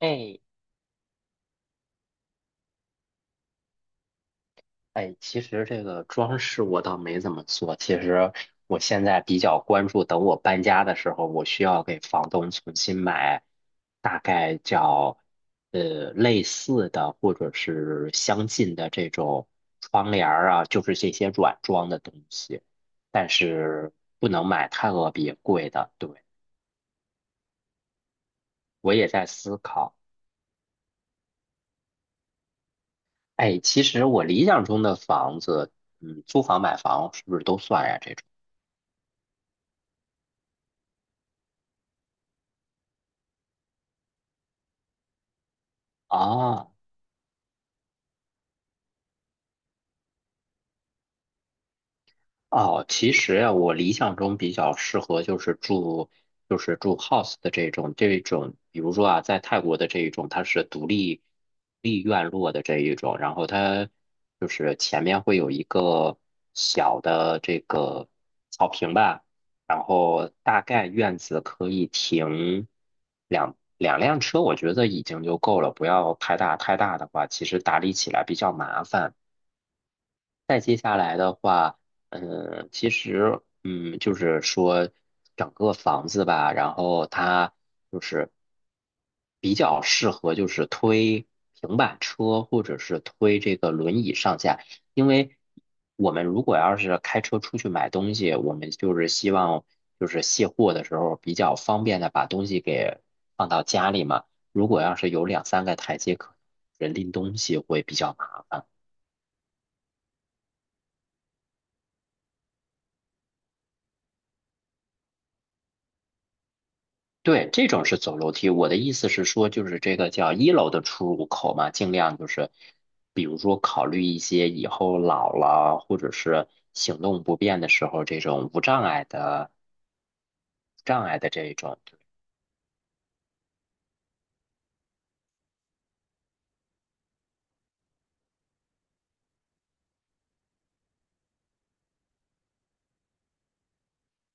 哎哎，其实这个装饰我倒没怎么做。其实我现在比较关注，等我搬家的时候，我需要给房东重新买，大概叫类似的或者是相近的这种窗帘儿啊，就是这些软装的东西，但是不能买太特别贵的。对，我也在思考。哎，其实我理想中的房子，租房买房是不是都算呀？这种啊。哦哦，其实呀，我理想中比较适合就是住，就是住 house 的这种，比如说啊，在泰国的这一种，它是独立院落的这一种，然后它就是前面会有一个小的这个草坪吧，然后大概院子可以停两辆车，我觉得已经就够了，不要太大，太大的话，其实打理起来比较麻烦。再接下来的话，嗯，其实，嗯，就是说整个房子吧，然后它就是比较适合就是推平板车或者是推这个轮椅上下，因为我们如果要是开车出去买东西，我们就是希望就是卸货的时候比较方便的把东西给放到家里嘛。如果要是有两三个台阶，可能人拎东西会比较麻烦。对，这种是走楼梯。我的意思是说，就是这个叫一楼的出入口嘛，尽量就是，比如说考虑一些以后老了或者是行动不便的时候，这种无障碍的、障碍的这种。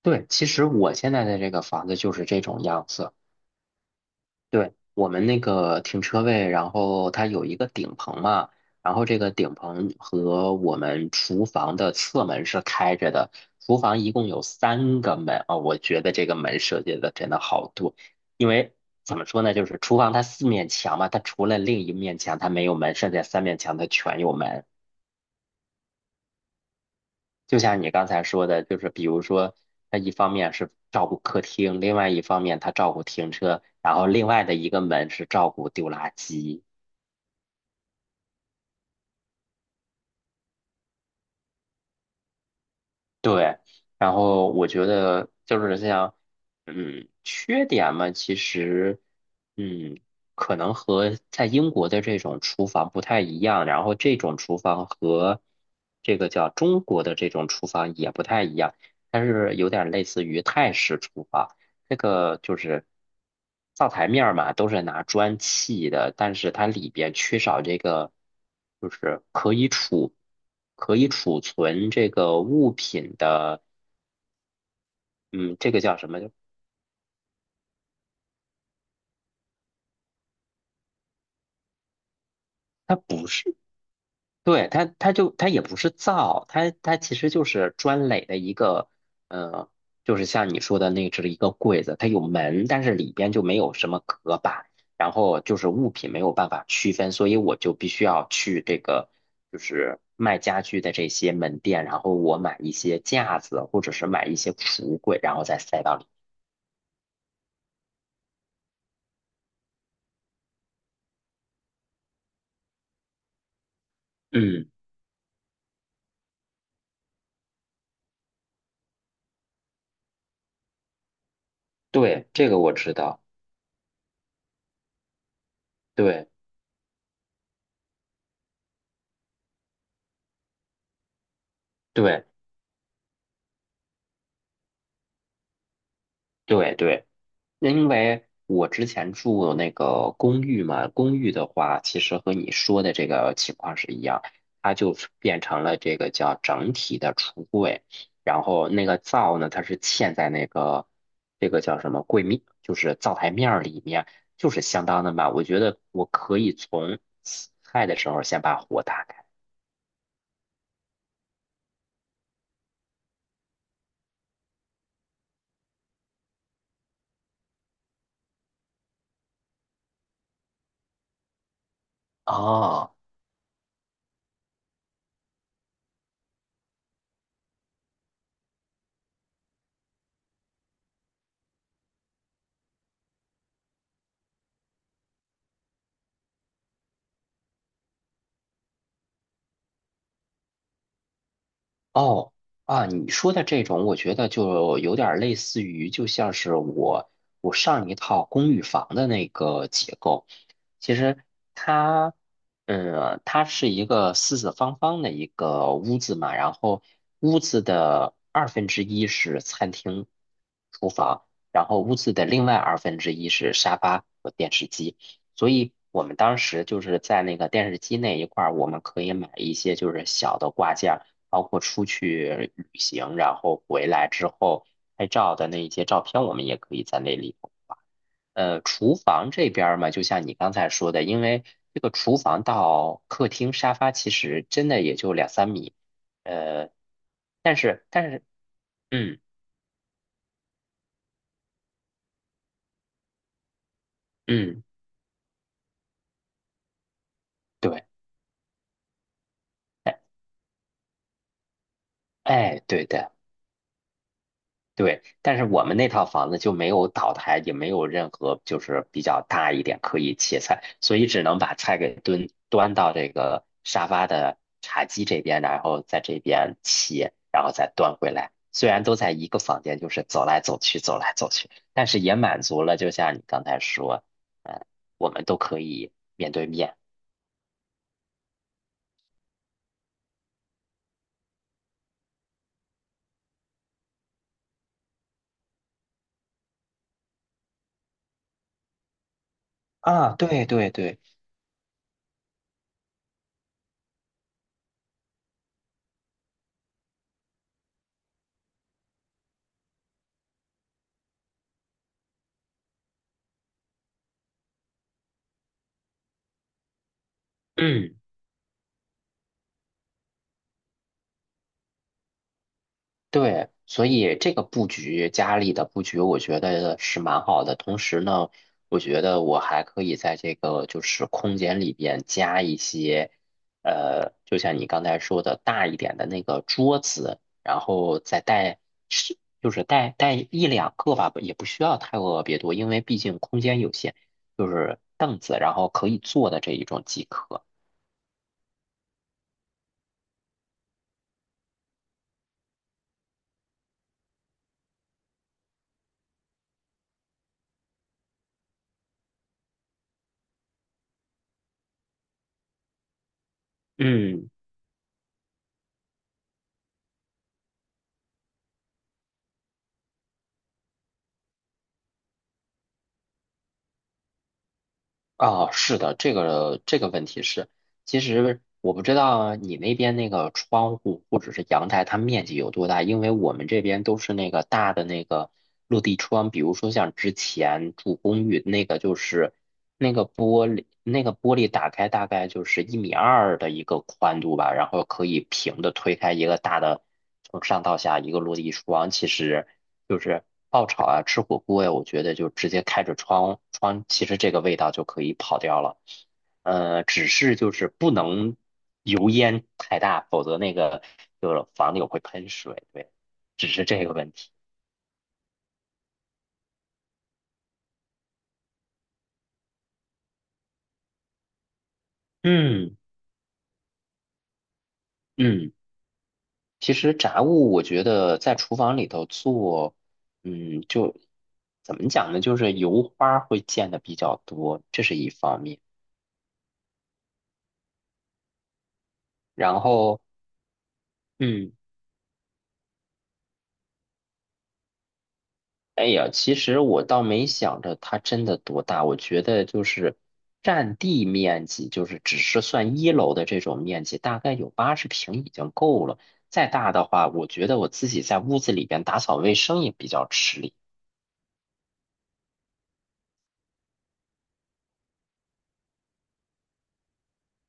对，其实我现在的这个房子就是这种样子。对，我们那个停车位，然后它有一个顶棚嘛，然后这个顶棚和我们厨房的侧门是开着的。厨房一共有3个门啊，我觉得这个门设计的真的好多，因为怎么说呢，就是厨房它4面墙嘛，它除了另1面墙它没有门，剩下3面墙它全有门。就像你刚才说的，就是比如说，它一方面是照顾客厅，另外一方面它照顾停车，然后另外的一个门是照顾丢垃圾。对，然后我觉得就是像，缺点嘛，其实，嗯，可能和在英国的这种厨房不太一样，然后这种厨房和这个叫中国的这种厨房也不太一样，它是有点类似于泰式厨房。这个就是灶台面儿嘛，都是拿砖砌的，但是它里边缺少这个，就是可以储存这个物品的，嗯，这个叫什么？它不是对，它就它也不是造，它其实就是砖垒的一个，呃，就是像你说的那只一个柜子，它有门，但是里边就没有什么隔板，然后就是物品没有办法区分，所以我就必须要去这个就是卖家具的这些门店，然后我买一些架子或者是买一些橱柜，然后再塞到里。嗯，对，这个我知道，对对对对。因为我之前住那个公寓嘛，公寓的话，其实和你说的这个情况是一样，它就是变成了这个叫整体的橱柜，然后那个灶呢，它是嵌在那个这个叫什么柜面，就是灶台面儿里面，就是相当的满。我觉得我可以从洗菜的时候先把火打开。啊、哦啊，你说的这种，我觉得就有点儿类似于，就像是我上一套公寓房的那个结构。其实它，它是一个四四方方的一个屋子嘛，然后屋子的二分之一是餐厅、厨房，然后屋子的另外二分之一是沙发和电视机。所以我们当时就是在那个电视机那一块儿，我们可以买一些就是小的挂件。包括出去旅行，然后回来之后拍照的那一些照片，我们也可以在那里头画。厨房这边儿嘛，就像你刚才说的，因为这个厨房到客厅沙发其实真的也就两三米，呃，但是，嗯嗯，对，哎哎，对的。对，但是我们那套房子就没有岛台，也没有任何就是比较大一点可以切菜，所以只能把菜给端到这个沙发的茶几这边，然后在这边切，然后再端回来。虽然都在一个房间，就是走来走去，走来走去，但是也满足了，就像你刚才说，嗯，我们都可以面对面。啊，对对对，嗯。对，所以这个布局，家里的布局，我觉得是蛮好的。同时呢，我觉得我还可以在这个就是空间里边加一些，就像你刚才说的大一点的那个桌子，然后再带是就是带一两个吧，也不需要太特别多，因为毕竟空间有限，就是凳子，然后可以坐的这一种即可。嗯。啊，是的，这个问题是，其实我不知道你那边那个窗户或者是阳台，它面积有多大，因为我们这边都是那个大的那个落地窗，比如说像之前住公寓那个，就是那个玻璃，那个玻璃打开大概就是1.2米的一个宽度吧，然后可以平的推开一个大的，从上到下一个落地窗，其实。就是爆炒啊，吃火锅呀，我觉得就直接开着窗，其实这个味道就可以跑掉了。只是就是不能油烟太大，否则那个就是房柳会喷水。对，只是这个问题。嗯嗯，其实炸物我觉得在厨房里头做，就怎么讲呢？就是油花会溅的比较多，这是一方面。然后，嗯。哎呀，其实我倒没想着它真的多大，我觉得就是占地面积，就是只是算一楼的这种面积，大概有80平已经够了。再大的话，我觉得我自己在屋子里边打扫卫生也比较吃力。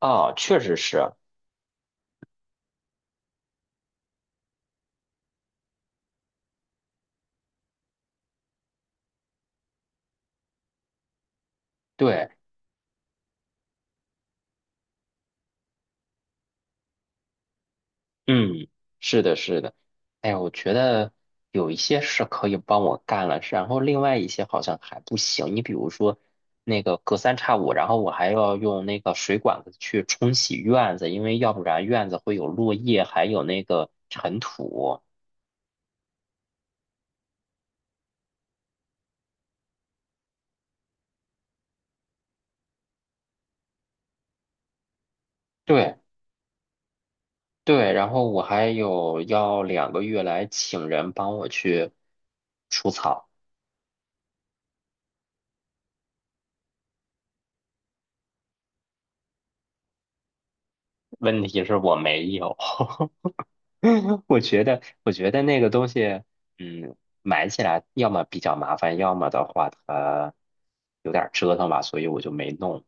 哦，确实是，对。嗯，是的，是的。哎呀，我觉得有一些是可以帮我干了，然后另外一些好像还不行。你比如说那个隔三差五，然后我还要用那个水管子去冲洗院子，因为要不然院子会有落叶，还有那个尘土。对对，然后我还有要2个月来请人帮我去除草，问题是我没有。我觉得那个东西，嗯，买起来要么比较麻烦，要么的话它有点儿折腾吧，所以我就没弄。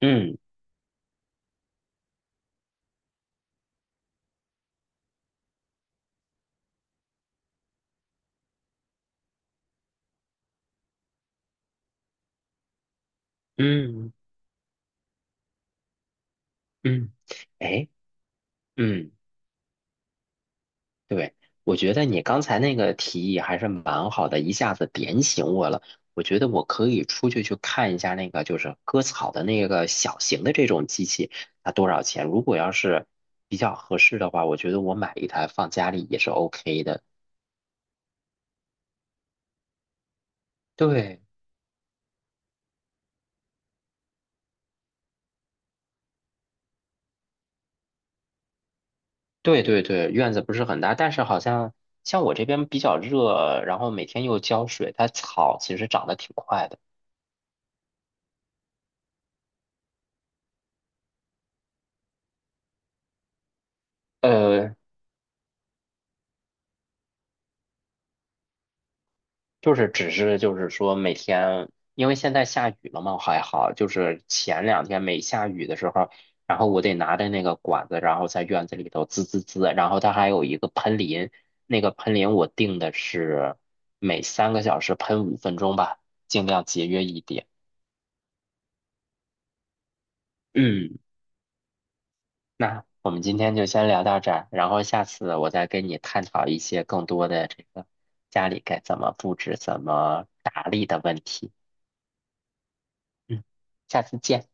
嗯嗯嗯，哎，嗯，对，我觉得你刚才那个提议还是蛮好的，一下子点醒我了。我觉得我可以出去去看一下那个就是割草的那个小型的这种机器，它多少钱？如果要是比较合适的话，我觉得我买一台放家里也是 OK 的。对。对对对，院子不是很大，但是好像我这边比较热，然后每天又浇水，它草其实长得挺快的。呃，就是只是就是说每天，因为现在下雨了嘛，还好，就是前两天没下雨的时候，然后我得拿着那个管子，然后在院子里头滋滋滋，然后它还有一个喷淋，那个喷淋我定的是每3个小时喷5分钟吧，尽量节约一点。嗯。那我们今天就先聊到这儿，然后下次我再跟你探讨一些更多的这个家里该怎么布置、怎么打理的问题。嗯，下次见。